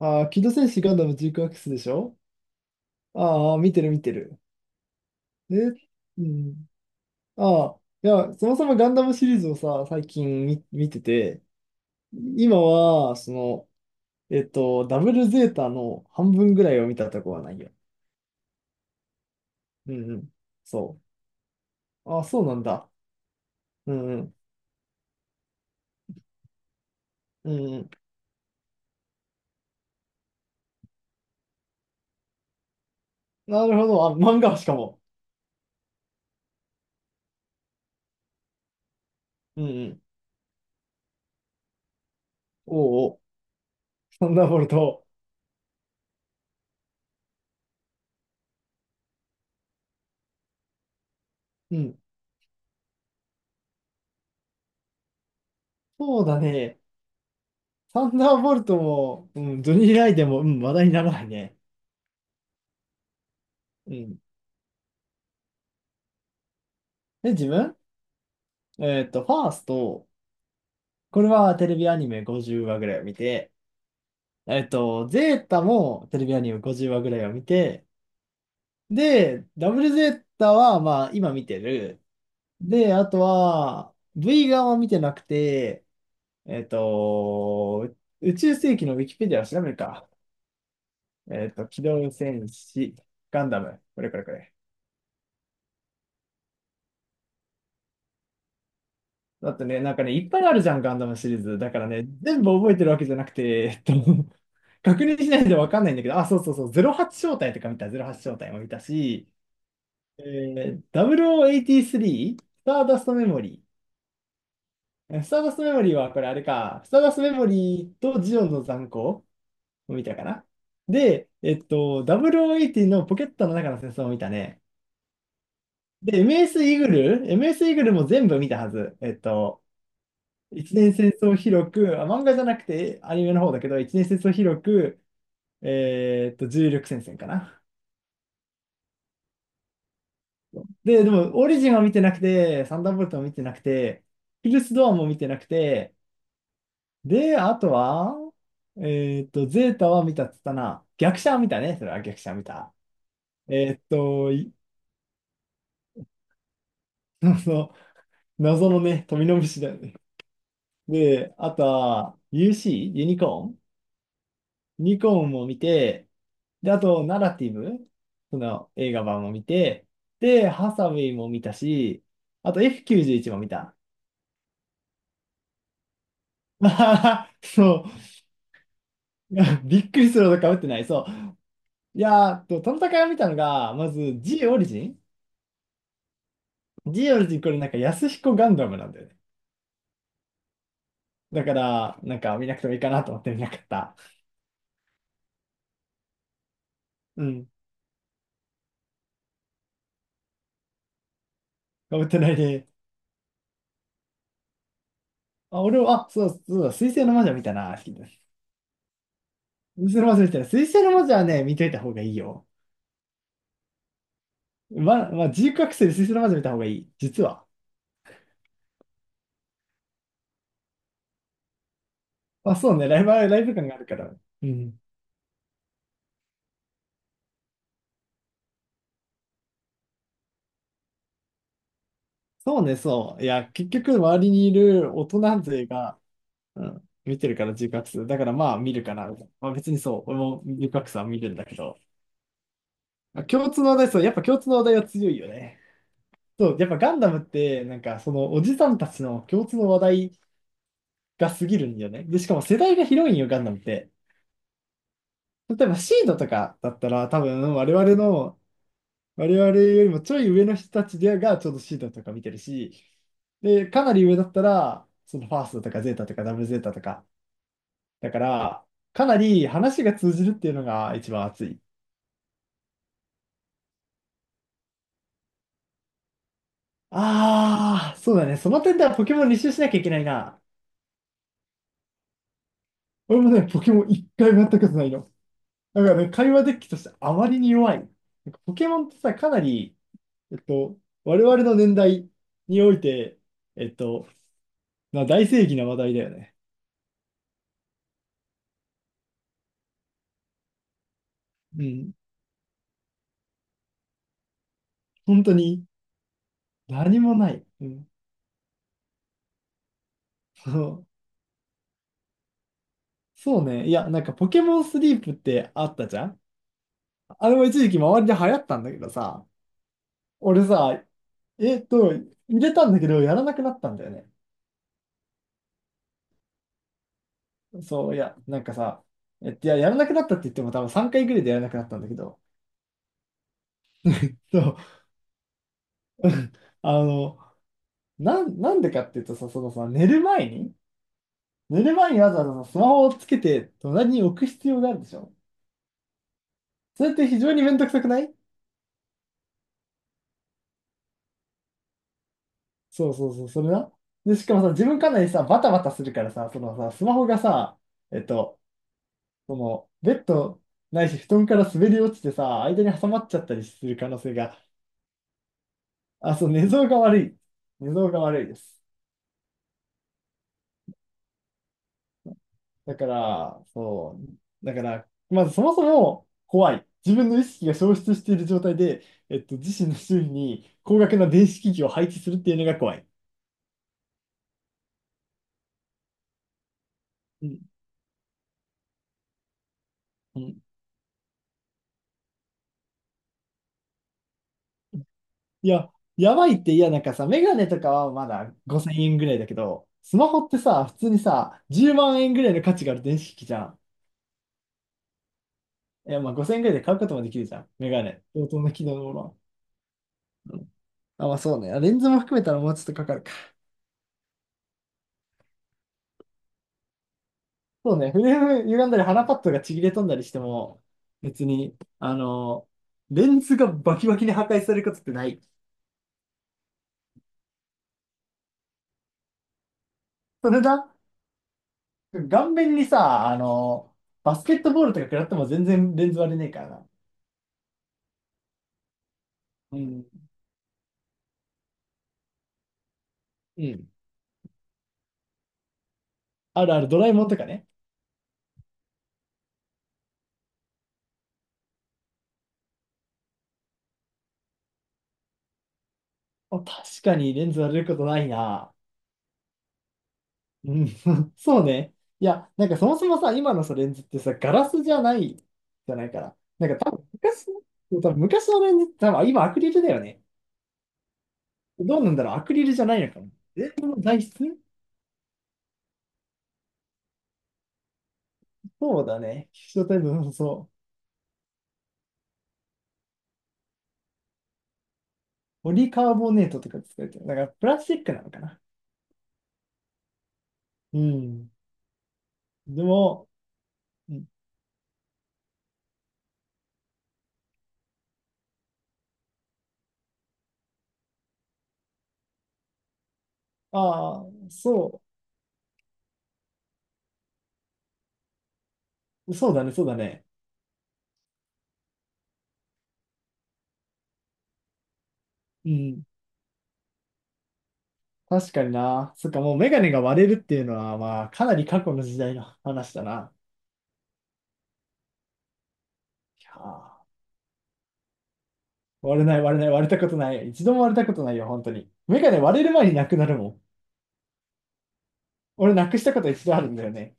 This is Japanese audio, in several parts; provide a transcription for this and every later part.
ああ、機動戦士ガンダムジークアックスでしょ？ああ、見てる見てる。で、うん。ああ、いや、そもそもガンダムシリーズをさ、最近見てて、今は、その、ダブルゼータの半分ぐらいを見たとこはないよ。うんうん。そう。ああ、そうなんだ。うんうん。うんうん。なるほど。あ、漫画しかも。うんうん。おうおう。サンダーボルト。うん。そうだね。サンダーボルトも、うん、ジョニー・ライデンも、うん、話題にならないね。うん。で、自分、ファースト、これはテレビアニメ50話ぐらいを見て、ゼータもテレビアニメ50話ぐらいを見て、で、ダブルゼータは、まあ、今見てる。で、あとは、V 側は見てなくて、えっと、宇宙世紀のウィキペディアを調べるか。機動戦士、ガンダム、これこれこれ。だってね、なんかね、いっぱいあるじゃん、ガンダムシリーズ。だからね、全部覚えてるわけじゃなくて、確認しないとわかんないんだけど、あ、そうそうそう、08正体とか見た、08正体も見たし、0083、スターダストメモリー。スターダストメモリーはこれあれか、スターダストメモリーとジオンの残光を見たかな。で、0080のポケットの中の戦争を見たね。で、MS イーグルも全部見たはず。一年戦争広く、あ、漫画じゃなくてアニメの方だけど、一年戦争広く、重力戦線かな。で、でも、オリジンは見てなくて、サンダーボルトも見てなくて、ヒルスドアも見てなくて、で、あとは、ゼータは見たっつったな。逆者は見たね、それは逆者は見た。えーっと、い その、謎のね、富の虫だよね。で、あとは、UC? ユニコーンも見て、で、あと、ナラティブ、その映画版も見て、で、ハサウェイも見たし、あと F91 も見た。まあそう。びっくりするほど被ってない。そう。いやー、トナタカ見たのが、まず G オリジンこれなんか安彦ガンダムなんだよね。だから、なんか見なくてもいいかなと思って見なかった。うん。被ってないね。あ、俺は、あ、そう、そうだ、水星の魔女見たな。水星の魔女見たな。水星の魔女はね、見といた方がいいよ。まあ、自由覚醒で水星の魔女見た方がいい。実は。まあ、そうね、ライブ感があるから。うん。そうね、そう。いや、結局、周りにいる大人勢が、うん、見てるから自覚する。だから、まあ、見るかな。まあ、別にそう、俺も自覚さは見るんだけど。まあ共通の話題、そう、やっぱ共通の話題は強いよね。そう、やっぱガンダムって、なんか、その、おじさんたちの共通の話題が過ぎるんだよね。で、しかも世代が広いんよ、ガンダムって。例えば、シードとかだったら、多分、我々よりもちょい上の人たちでがちょうどシータとか見てるし、で、かなり上だったら、そのファーストとかゼータとかダブルゼータとか、だから、かなり話が通じるっていうのが一番熱い。ああ、そうだね。その点ではポケモン履修しなきゃいけないな。俺もね、ポケモン一回もやったことないの。だからね、会話デッキとしてあまりに弱い。なんかポケモンってさ、かなり、えっと、我々の年代において、えっと、まあ大正義な話題だよね。うん。本当に何もない。うん。そうそうね。いや、なんかポケモンスリープってあったじゃん？あれも一時期周りで流行ったんだけどさ、俺さ、入れたんだけど、やらなくなったんだよね。そう、いや、なんかさ、いや、やらなくなったって言っても多分3回ぐらいでやらなくなったんだけど、そう、あの、なんでかっていうとさ、そのさ、寝る前にわざわざさスマホをつけて隣に置く必要があるでしょ？それって非常にめんどくさくない？そうそうそう、それな。で、しかもさ、自分かなりさ、バタバタするからさ、そのさ、スマホがさ、えっと、その、ベッドないし、布団から滑り落ちてさ、間に挟まっちゃったりする可能性が、あ、そう、寝相が悪い。寝相が悪いです。だから、そう、だから、まずそもそも怖い。自分の意識が消失している状態で、自身の周囲に高額な電子機器を配置するっていうのが怖い。うん。いや、やばいって、いや、なんかさ、メガネとかはまだ5000円ぐらいだけど、スマホってさ、普通にさ、10万円ぐらいの価値がある電子機器じゃん。いや、まあ5000円ぐらいで買うこともできるじゃん。メガネ。相当な機能のもの。うん。あ、まあそうね。あ、レンズも含めたらもうちょっとかかるか。そうね。フレーム歪んだり、鼻パッドがちぎれ飛んだりしても、別に、あの、レンズがバキバキに破壊されることってない。それだ。顔面にさ、あの、バスケットボールとか食らっても全然レンズ割れねえからな。うん。うん。あるある、ドラえもんとかね。あ、確かにレンズ割れることないな。うん、そうね。いや、なんかそもそもさ、今のさ、レンズってさ、ガラスじゃないじゃないから。なんか多分昔のレンズって多分今アクリルだよね。どうなんだろう、アクリルじゃないのかも。この材質そうだね。希少タイプの、そう。ポリカーボネートとか使われてる。だからプラスチックなのかな。うん。でも、うん、ああ、そう、そうだね、そうだね。うん。確かにな。そっか、もうメガネが割れるっていうのは、まあ、かなり過去の時代の話だな。いやー、割れない、割れない、割れたことない。一度も割れたことないよ、本当に。メガネ割れる前になくなるもん。俺、なくしたこと一度あるんだよね。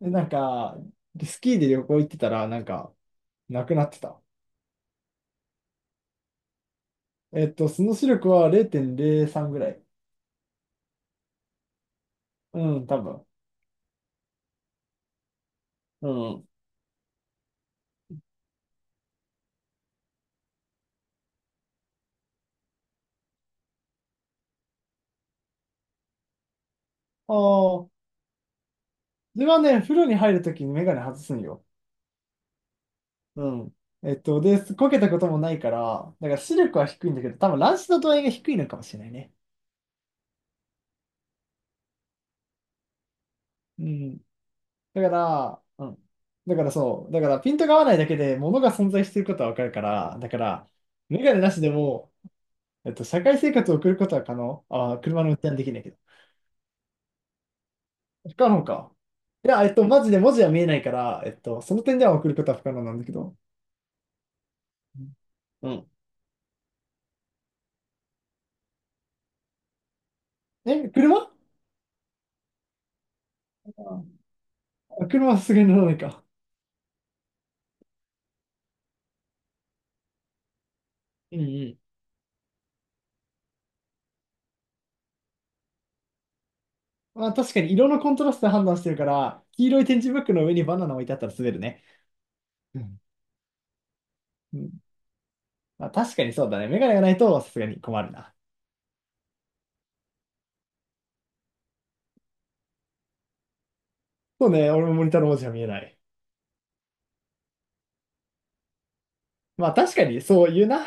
で、なんか、スキーで旅行行ってたら、なんか、なくなってた。その視力は0.03ぐらい。うん、多分。うん。ああ、自分はね、風呂に入るときにメガネ外すんよ。うん。で、こけたこともないから、だから視力は低いんだけど、多分乱視の度合いが低いのかもしれないね。うん。だから、うん。だからそう。だからピントが合わないだけで物が存在していることはわかるから、だから、メガネなしでも、社会生活を送ることは可能。あー、車の運転はできないけど。不可能か。いや、マジで文字は見えないから、その点では送ることは不可能なんだけど。うん。うん。え、車？あ、車はさすがに乗らないか。うん。うん。まあ、確かに色のコントラストで判断してるから、黄色い点字ブックの上にバナナ置いてあったら滑るね。うん。うん。まあ、確かにそうだね。メガネがないとさすがに困るな。そうね、俺もモニターの文字は見えない。まあ確かにそう言うな。